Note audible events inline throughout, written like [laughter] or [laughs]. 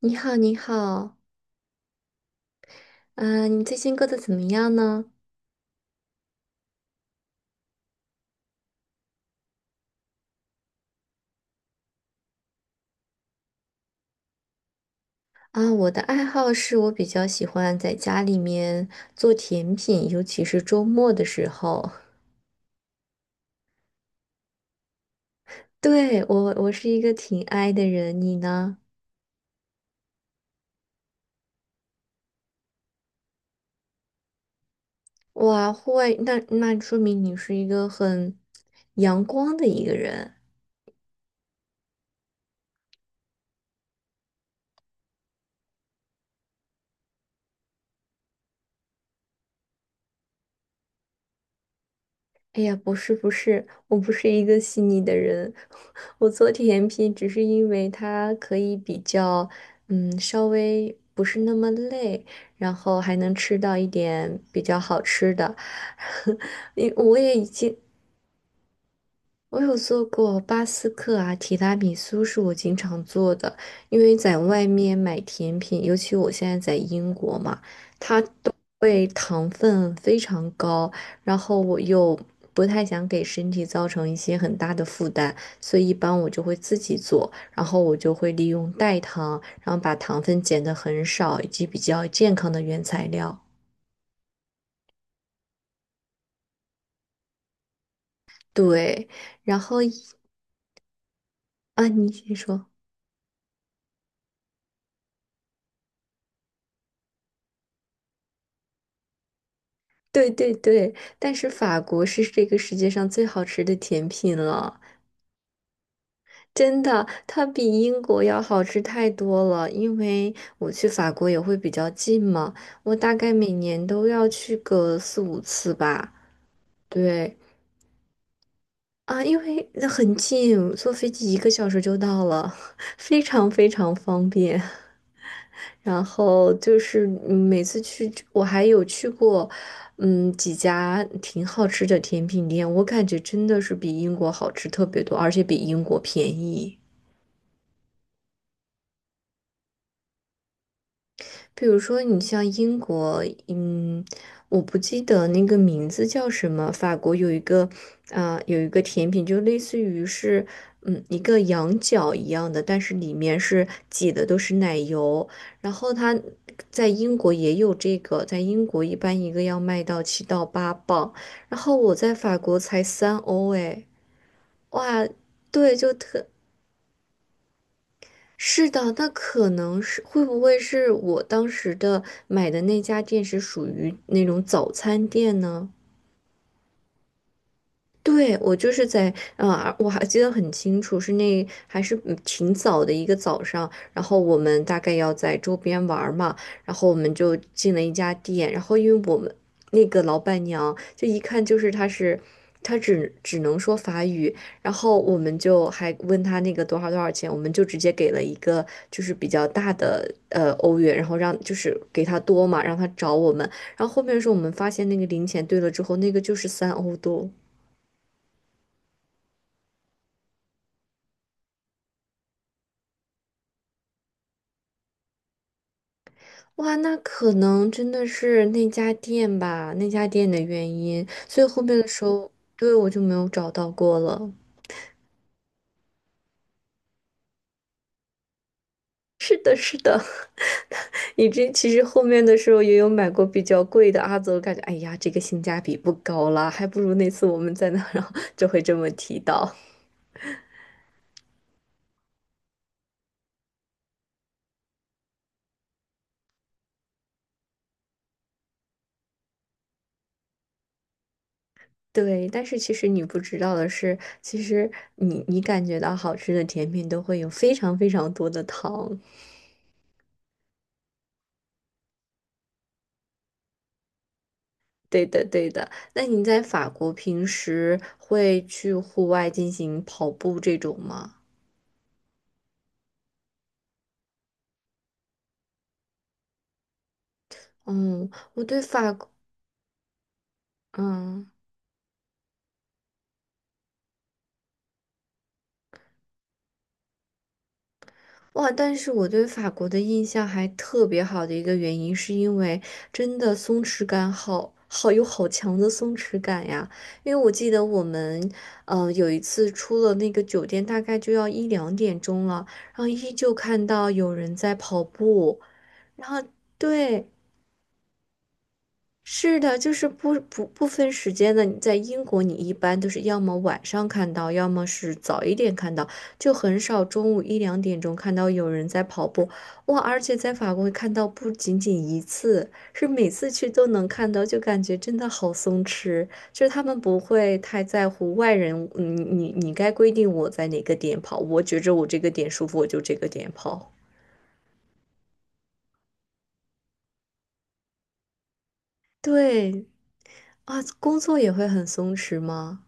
你好，你好，嗯，你最近过得怎么样呢？啊，我的爱好是我比较喜欢在家里面做甜品，尤其是周末的时候。[laughs] 对，我是一个挺 i 的人，你呢？哇，户外，那说明你是一个很阳光的一个人。哎呀，不是不是，我不是一个细腻的人，[laughs] 我做甜品只是因为它可以比较，稍微不是那么累，然后还能吃到一点比较好吃的。[laughs] 因我也已经，我有做过巴斯克啊，提拉米苏是我经常做的，因为在外面买甜品，尤其我现在在英国嘛。会糖分非常高，然后我又不太想给身体造成一些很大的负担，所以一般我就会自己做，然后我就会利用代糖，然后把糖分减的很少，以及比较健康的原材料。对，然后你先说。[laughs] 对对对，但是法国是这个世界上最好吃的甜品了。真的，它比英国要好吃太多了。因为我去法国也会比较近嘛，我大概每年都要去个4、5次吧。对啊，因为那很近，坐飞机一个小时就到了，[laughs] 非常非常方便。然后就是每次去，我还有去过，几家挺好吃的甜品店，我感觉真的是比英国好吃特别多，而且比英国便宜。比如说，你像英国，我不记得那个名字叫什么。法国有一个，有一个甜品，就类似于是，一个羊角一样的，但是里面是挤的都是奶油。然后它在英国也有这个，在英国一般一个要卖到7到8磅，然后我在法国才三欧，哎，哇，对。是的，那可能是会不会是我当时的买的那家店是属于那种早餐店呢？对，我就是在，我还记得很清楚，是那还是挺早的一个早上，然后我们大概要在周边玩儿嘛，然后我们就进了一家店，然后因为我们那个老板娘就一看就是她是，她只能说法语，然后我们就还问她那个多少多少钱，我们就直接给了一个就是比较大的欧元，然后让就是给她多嘛，让她找我们，然后后面是我们发现那个零钱对了之后，那个就是3欧多。哇，那可能真的是那家店吧，那家店的原因，所以后面的时候，对，我就没有找到过了。[laughs] 是的，[laughs] 你这其实后面的时候也有买过比较贵的阿泽，感觉哎呀，这个性价比不高啦，还不如那次我们在那儿然后就会这么提到。对，但是其实你不知道的是，其实你感觉到好吃的甜品都会有非常非常多的糖。对的，对的。那你在法国平时会去户外进行跑步这种吗？嗯，我对法国嗯，哇，但是我对法国的印象还特别好的一个原因，是因为真的松弛感好好有好强的松弛感呀。因为我记得我们，有一次出了那个酒店，大概就要一两点钟了，然后依旧看到有人在跑步，然后对。是的，就是不分时间的。你在英国，你一般都是要么晚上看到，要么是早一点看到，就很少中午一两点钟看到有人在跑步。哇，而且在法国看到不仅仅一次，是每次去都能看到，就感觉真的好松弛。就是他们不会太在乎外人，你该规定我在哪个点跑，我觉着我这个点舒服，我就这个点跑。对啊，工作也会很松弛吗？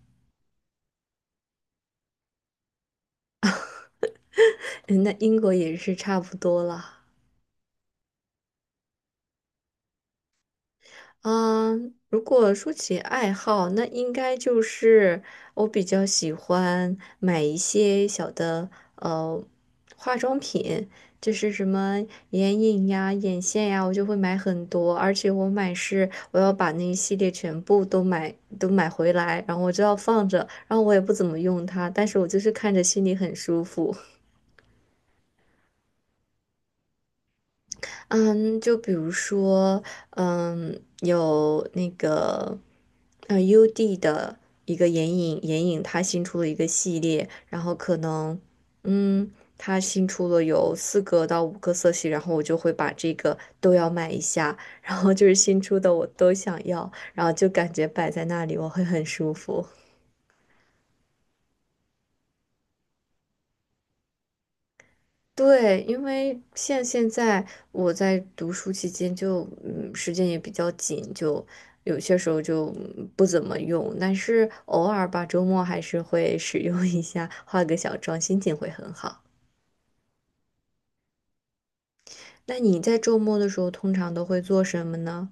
嗯，那英国也是差不多了。嗯，如果说起爱好，那应该就是我比较喜欢买一些小的呃化妆品，就是什么眼影呀、眼线呀，我就会买很多，而且我买是我要把那一系列全部都买回来，然后我就要放着，然后我也不怎么用它，但是我就是看着心里很舒服。嗯，就比如说，有那个，UD 的一个眼影它新出了一个系列，然后可能，嗯，它新出了有4个到5个色系，然后我就会把这个都要买一下，然后就是新出的我都想要，然后就感觉摆在那里我会很舒服。对，因为像现在我在读书期间就，时间也比较紧，就有些时候就不怎么用，但是偶尔吧，周末还是会使用一下，化个小妆，心情会很好。那你在周末的时候通常都会做什么呢？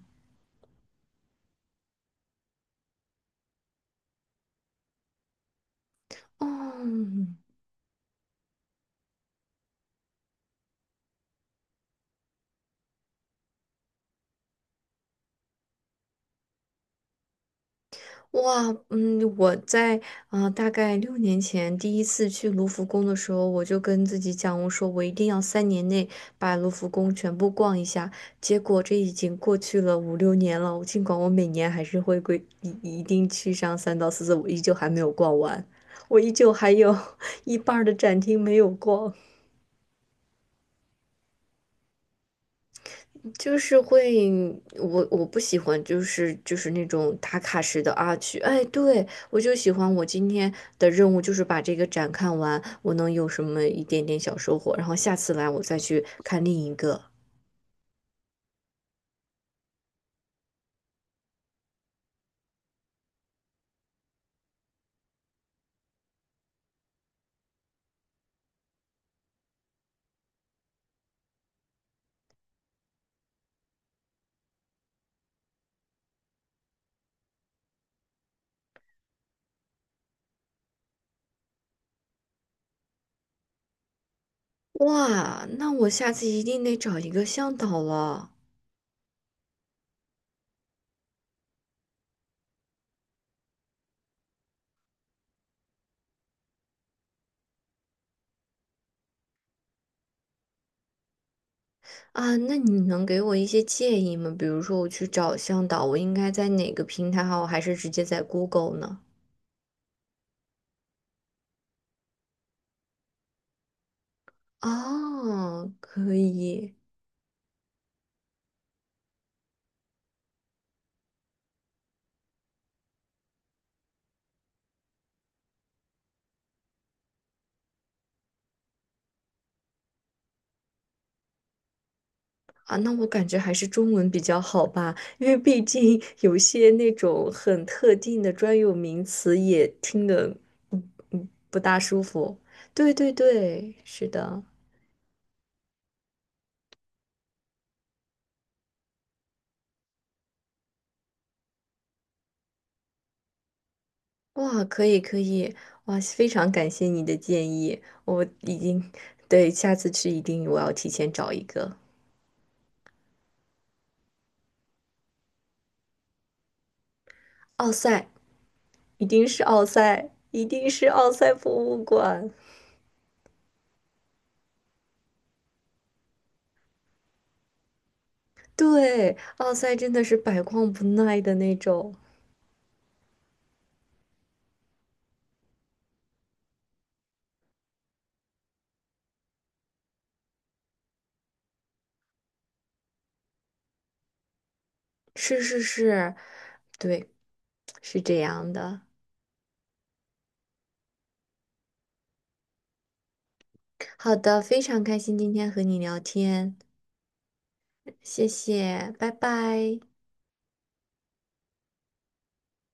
嗯。哇，我在大概6年前第一次去卢浮宫的时候，我就跟自己讲，我说我一定要3年内把卢浮宫全部逛一下。结果这已经过去了5、6年了，尽管我每年还是会一定去上3到4次，我依旧还没有逛完，我依旧还有 [laughs] 一半儿的展厅没有逛。就是会，我不喜欢，就是那种打卡式的啊，去，哎，对，我就喜欢我今天的任务就是把这个展看完，我能有什么一点点小收获，然后下次来我再去看另一个。哇，那我下次一定得找一个向导了啊！那你能给我一些建议吗？比如说我去找向导，我应该在哪个平台好，还是直接在 Google 呢？啊，可以。啊，那我感觉还是中文比较好吧，因为毕竟有些那种很特定的专有名词也听得，嗯嗯，不大舒服。对对对，是的，哇，可以可以，哇，非常感谢你的建议，我已经，对，下次去一定我要提前找一个奥赛，一定是奥赛，一定是奥赛博物馆，对，奥赛真的是百逛不耐的那种。是是是，对，是这样的。好的，非常开心今天和你聊天，谢谢，拜拜。